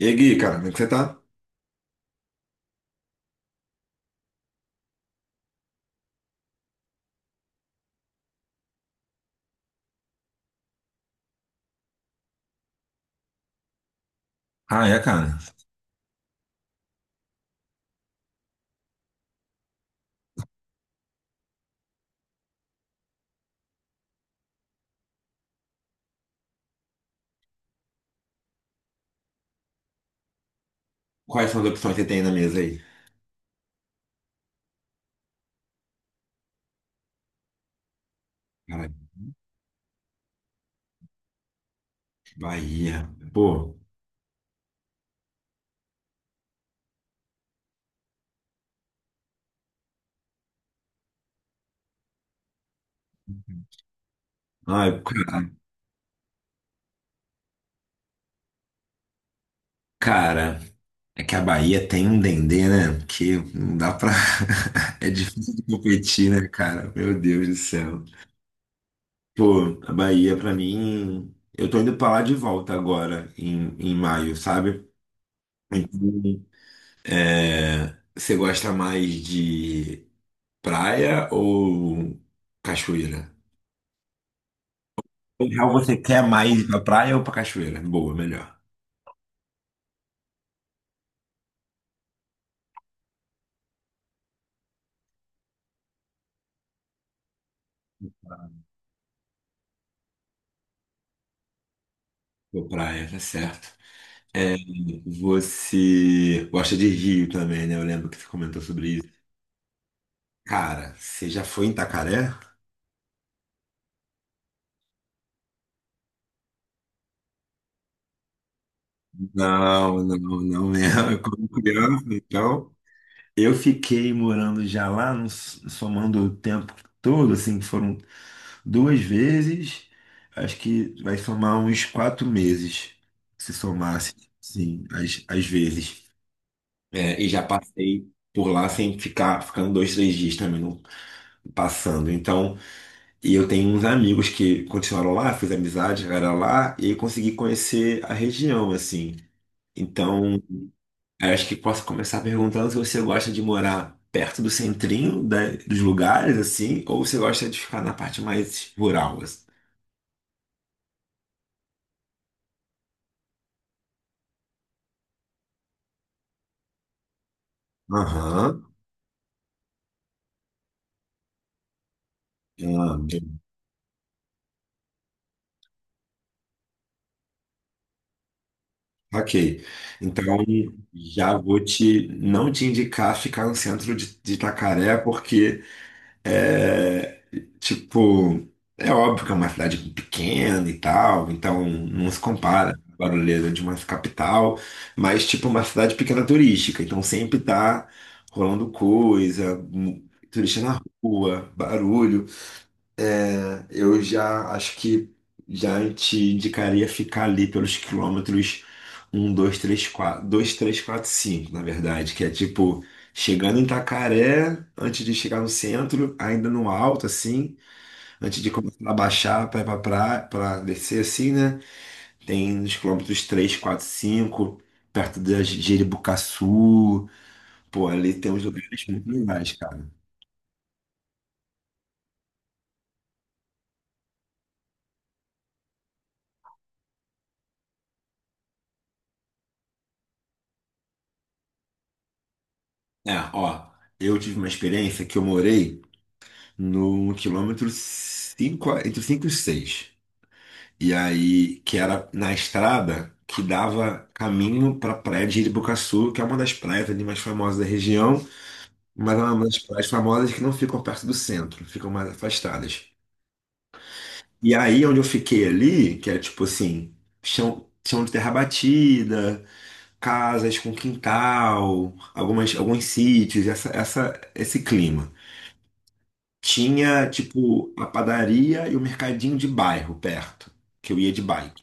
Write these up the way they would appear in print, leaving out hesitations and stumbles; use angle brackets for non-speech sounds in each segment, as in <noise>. E aí, Gui, cara, como é que você tá? Ah, é, cara. Quais são as opções que você tem na mesa aí? Cara, Bahia. Pô, ai, cara, cara, é que a Bahia tem um dendê, né? Que não dá pra. <laughs> É difícil de competir, né, cara? Meu Deus do céu. Pô, a Bahia, pra mim. Eu tô indo pra lá de volta agora, em maio, sabe? Então, é, você gosta mais de praia ou cachoeira? Em real, você quer mais ir pra praia ou pra cachoeira? Boa, melhor. Pra praia, tá certo. É, você gosta de rio também, né? Eu lembro que você comentou sobre isso. Cara, você já foi em Itacaré? Não, não, não mesmo. Eu como criança, então. Eu fiquei morando já lá, somando o tempo todo, assim, que foram duas vezes. Acho que vai somar uns 4 meses, se somasse, sim, as vezes. É, e já passei por lá sem ficar, ficando 2, 3 dias também não, passando. Então, e eu tenho uns amigos que continuaram lá, fiz amizade, chegaram lá e consegui conhecer a região, assim. Então, acho que posso começar perguntando se você gosta de morar perto do centrinho dos lugares, assim, ou você gosta de ficar na parte mais rural, assim. Aham, ah, bem, ok. Então já vou te não te indicar ficar no centro de Itacaré, porque é, tipo, é óbvio que é uma cidade pequena e tal, então não se compara a barulheira de uma capital, mas tipo uma cidade pequena turística, então sempre tá rolando coisa, turista na rua, barulho. Eu já acho que já te indicaria ficar ali pelos quilômetros um 2 3 4 2 3 4 5 na verdade, que é tipo chegando em Itacaré, antes de chegar no centro, ainda no alto assim, antes de começar a baixar para descer assim, né? Tem nos quilômetros 3 4 5 perto da Jeribucaçu, pô, ali tem uns lugares muito legais, cara. É, ó, eu tive uma experiência que eu morei no quilômetro 5 entre 5 e 6. E aí, que era na estrada que dava caminho para a praia de Iribucaçu, que é uma das praias ali mais famosas da região, mas é uma das praias famosas que não ficam perto do centro, ficam mais afastadas. E aí, onde eu fiquei ali, que é tipo assim, chão, chão de terra batida, casas com quintal, alguns sítios, esse clima. Tinha, tipo, a padaria e o mercadinho de bairro perto, que eu ia de bike.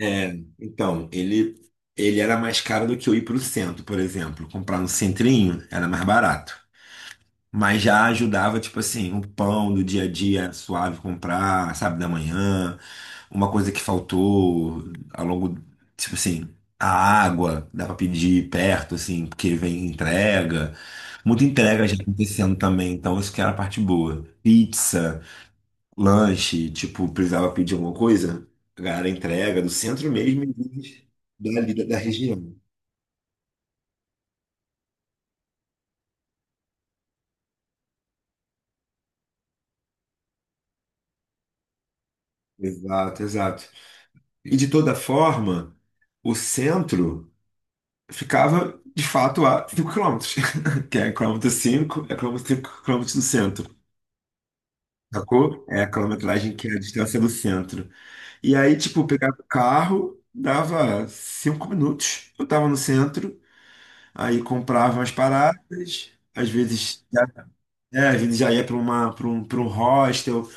É, então, ele era mais caro do que eu ir pro centro, por exemplo. Comprar no centrinho era mais barato. Mas já ajudava, tipo assim, o pão do dia a dia era suave comprar, sabe, da manhã, uma coisa que faltou ao longo, tipo assim, a água, dá pra pedir perto, assim, porque vem entrega. Muita entrega já acontecendo também, então isso que era a parte boa. Pizza, lanche, tipo, precisava pedir alguma coisa, a galera entrega do centro mesmo e vende dali da região. Exato, exato. E de toda forma, o centro ficava de fato a 5 quilômetros <laughs> que é quilômetro 5 é quilômetro 5, 5 quilômetros do centro. Sacou? É a quilometragem que é a distância do centro. E aí, tipo, pegava o carro, dava 5 minutos. Eu tava no centro, aí comprava umas paradas, às vezes é, a gente já ia para um hostel.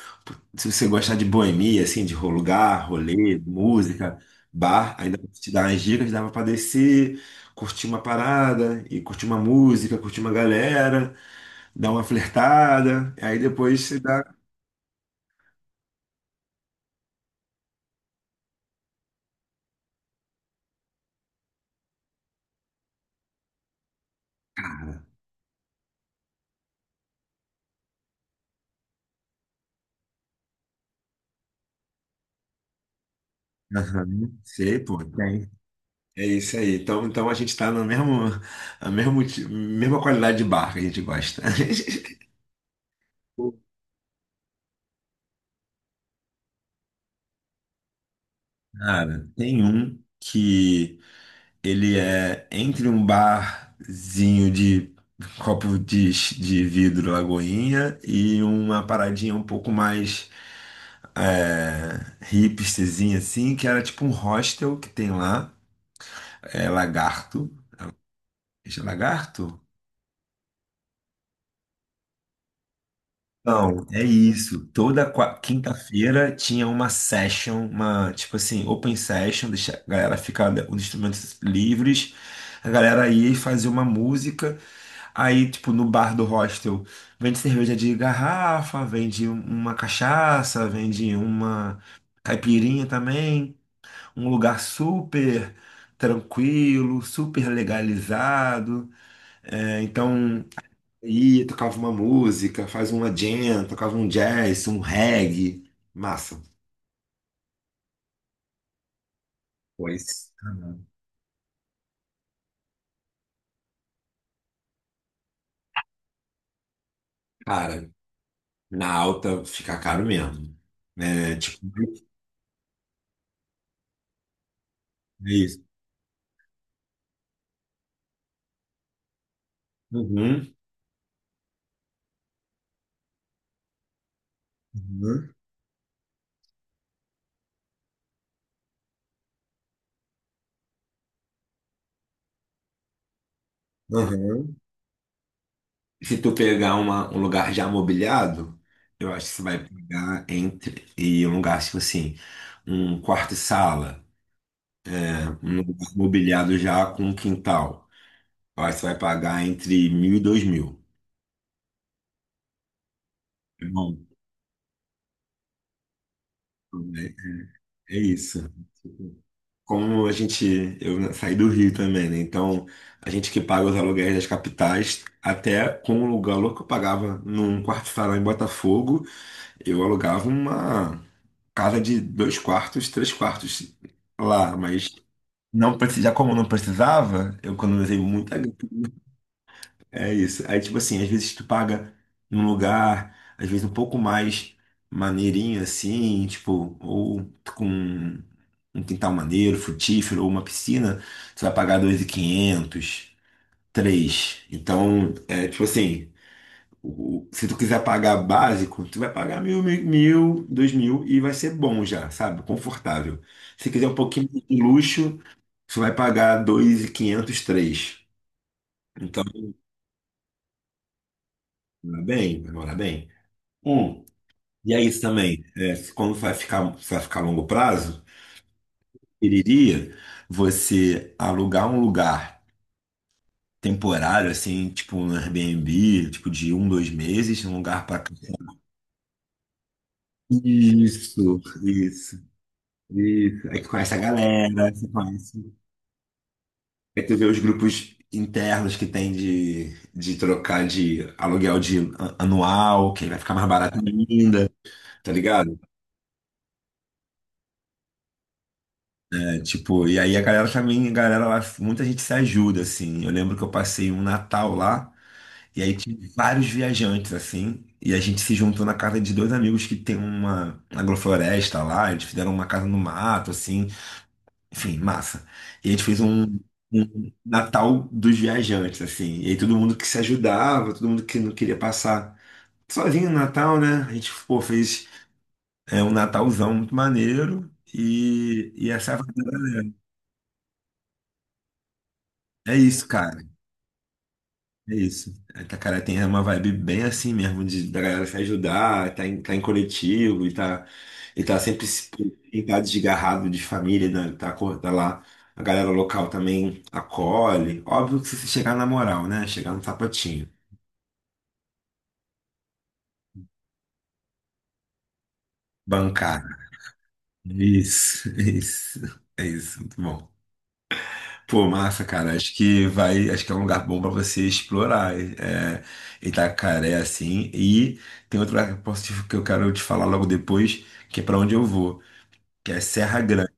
Se você gostar de boemia, assim, de lugar, rolê, música, bar, ainda te dar umas dicas, dava para descer, curtir uma parada, e curtir uma música, curtir uma galera, dar uma flertada. Aí depois você dá. Cara, aham, sei, pô, tem. É isso aí. Então a gente tá na mesmo, a mesmo, ti- mesma qualidade de bar que a gente gosta. <laughs> Cara, tem um que. Ele é entre um barzinho de copo de vidro Lagoinha e uma paradinha um pouco mais, hipsterzinha assim, que era tipo um hostel que tem lá, é Lagarto. Esse é Lagarto? Não, é isso. Toda quinta-feira tinha uma session, uma tipo assim, open session, deixa a galera ficar com os instrumentos livres, a galera ia e fazia uma música. Aí, tipo, no bar do hostel, vende cerveja de garrafa, vende uma cachaça, vende uma caipirinha também. Um lugar super tranquilo, super legalizado. É, então, ia, tocava uma música, faz uma jam, tocava um jazz, um reggae. Massa. Pois, cara, na alta fica caro mesmo. Né, tipo, é isso. Uhum, uhum, uhum. Se tu pegar um lugar já mobiliado, eu acho que você vai pegar entre e um lugar tipo assim, um quarto e sala, né? Um lugar mobiliado já com um quintal. Eu acho que você vai pagar entre 1.000 e 2.000. É bom, é é isso. Como a gente, eu saí do Rio também, né? Então, a gente que paga os aluguéis das capitais, até com o aluguel que eu pagava num quarto-salão em Botafogo, eu alugava casa de dois quartos, três quartos lá, mas não precisa, já como não precisava, eu economizei muita grana. É isso. Aí, tipo assim, às vezes tu paga num lugar, às vezes um pouco mais maneirinho assim, tipo, ou com um quintal maneiro, frutífero, ou uma piscina, você vai pagar 2.500, 3.000. Então, é tipo assim, se tu quiser pagar básico, tu vai pagar 1.000, 1.000, 1.000, 2.000 e vai ser bom já, sabe? Confortável. Se quiser um pouquinho de luxo, tu vai pagar 2.500, 3.000. Então, vai morar bem, vai morar bem. Um, e é isso também. É, quando vai ficar a longo prazo, eu iria você alugar um lugar temporário, assim, tipo um Airbnb, tipo de 1, 2 meses, um lugar para... Isso, isso. Isso. Aí tu conhece a galera, você conhece. Aí tu vê os grupos internos que tem de trocar de aluguel de anual, que vai ficar mais barato ainda, tá ligado? É, tipo, e aí a galera também, a galera lá, muita gente se ajuda, assim. Eu lembro que eu passei um Natal lá, e aí tinha vários viajantes, assim. E a gente se juntou na casa de dois amigos que tem uma agrofloresta lá, eles fizeram uma casa no mato, assim. Enfim, massa. E a gente fez um Natal dos viajantes, assim. E aí todo mundo que se ajudava, todo mundo que não queria passar sozinho no Natal, né? A gente, pô, fez, um Natalzão muito maneiro. E essa é isso, cara. É isso. A Itacaré tem uma vibe bem assim mesmo, da galera se ajudar, tá em coletivo e tá sempre e tá desgarrado de família, né? Tá, tá lá. A galera local também acolhe. Óbvio que se você chegar na moral, né? Chegar no sapatinho. Bancada. Isso, <laughs> isso. É isso, muito bom. Pô, massa, cara. Acho que é um lugar bom pra você explorar. É, Itacaré, assim. E tem outro lugar que eu posso que eu quero te falar logo depois, que é pra onde eu vou, que é Serra Grande.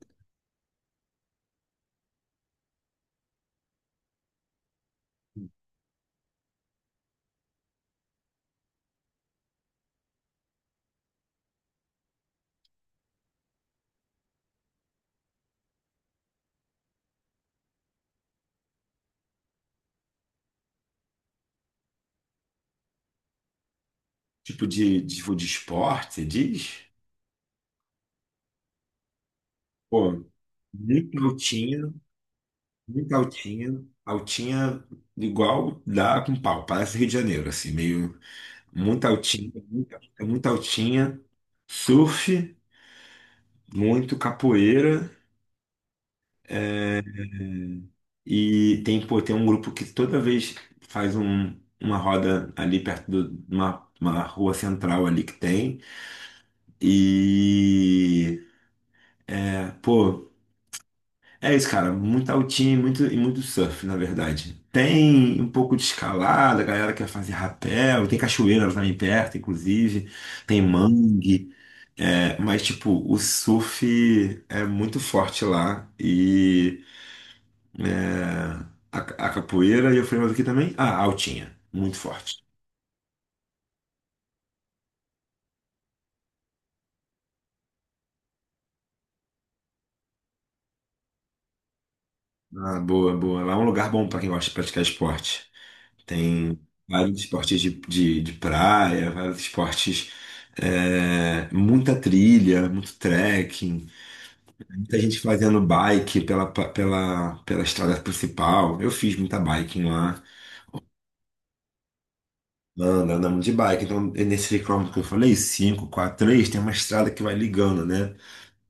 Tipo tipo de esporte, você diz? Pô, muito altinha, muito altinha, altinha igual dá com pau, parece Rio de Janeiro, assim, meio muito altinha, muito, muito altinha, surf, muito capoeira. E tem, pô, tem um grupo que toda vez faz uma roda ali perto de uma rua central ali que tem. E, é, pô, é isso, cara. Muito altinho e muito surf, na verdade. Tem um pouco de escalada, a galera quer fazer rapel. Tem cachoeira também perto, inclusive. Tem mangue. É, mas, tipo, o surf é muito forte lá. É, a, a capoeira e eu falei mais aqui também. Ah, a altinha, muito forte. Ah, boa, boa. Lá é um lugar bom para quem gosta de praticar esporte. Tem vários esportes de praia, vários esportes, muita trilha, muito trekking, muita gente fazendo bike pela estrada principal. Eu fiz muita biking lá. Anda, andamos de bike. Então, é nesse quilômetro que eu falei, 5, 4, 3 tem uma estrada que vai ligando, né?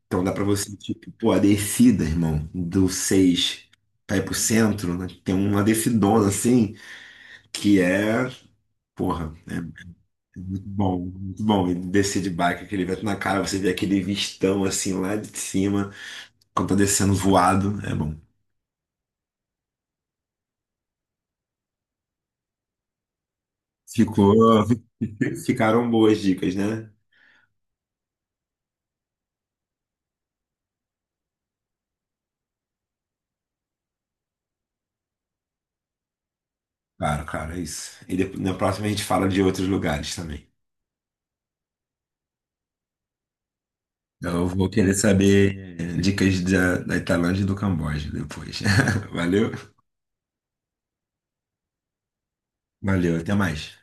Então dá pra você, tipo, pô, a descida, irmão, do 6 pra ir pro centro, né? Tem uma descidona assim, que é, porra, é muito bom, muito bom. E descer de bike, aquele vento na cara, você vê aquele vistão assim lá de cima, quando tá descendo voado, é bom. Ficou, <laughs> ficaram boas dicas, né? Claro, cara, é isso. E depois, na próxima a gente fala de outros lugares também. Eu vou querer saber dicas da Tailândia e do Camboja depois. <laughs> Valeu? Valeu, até mais.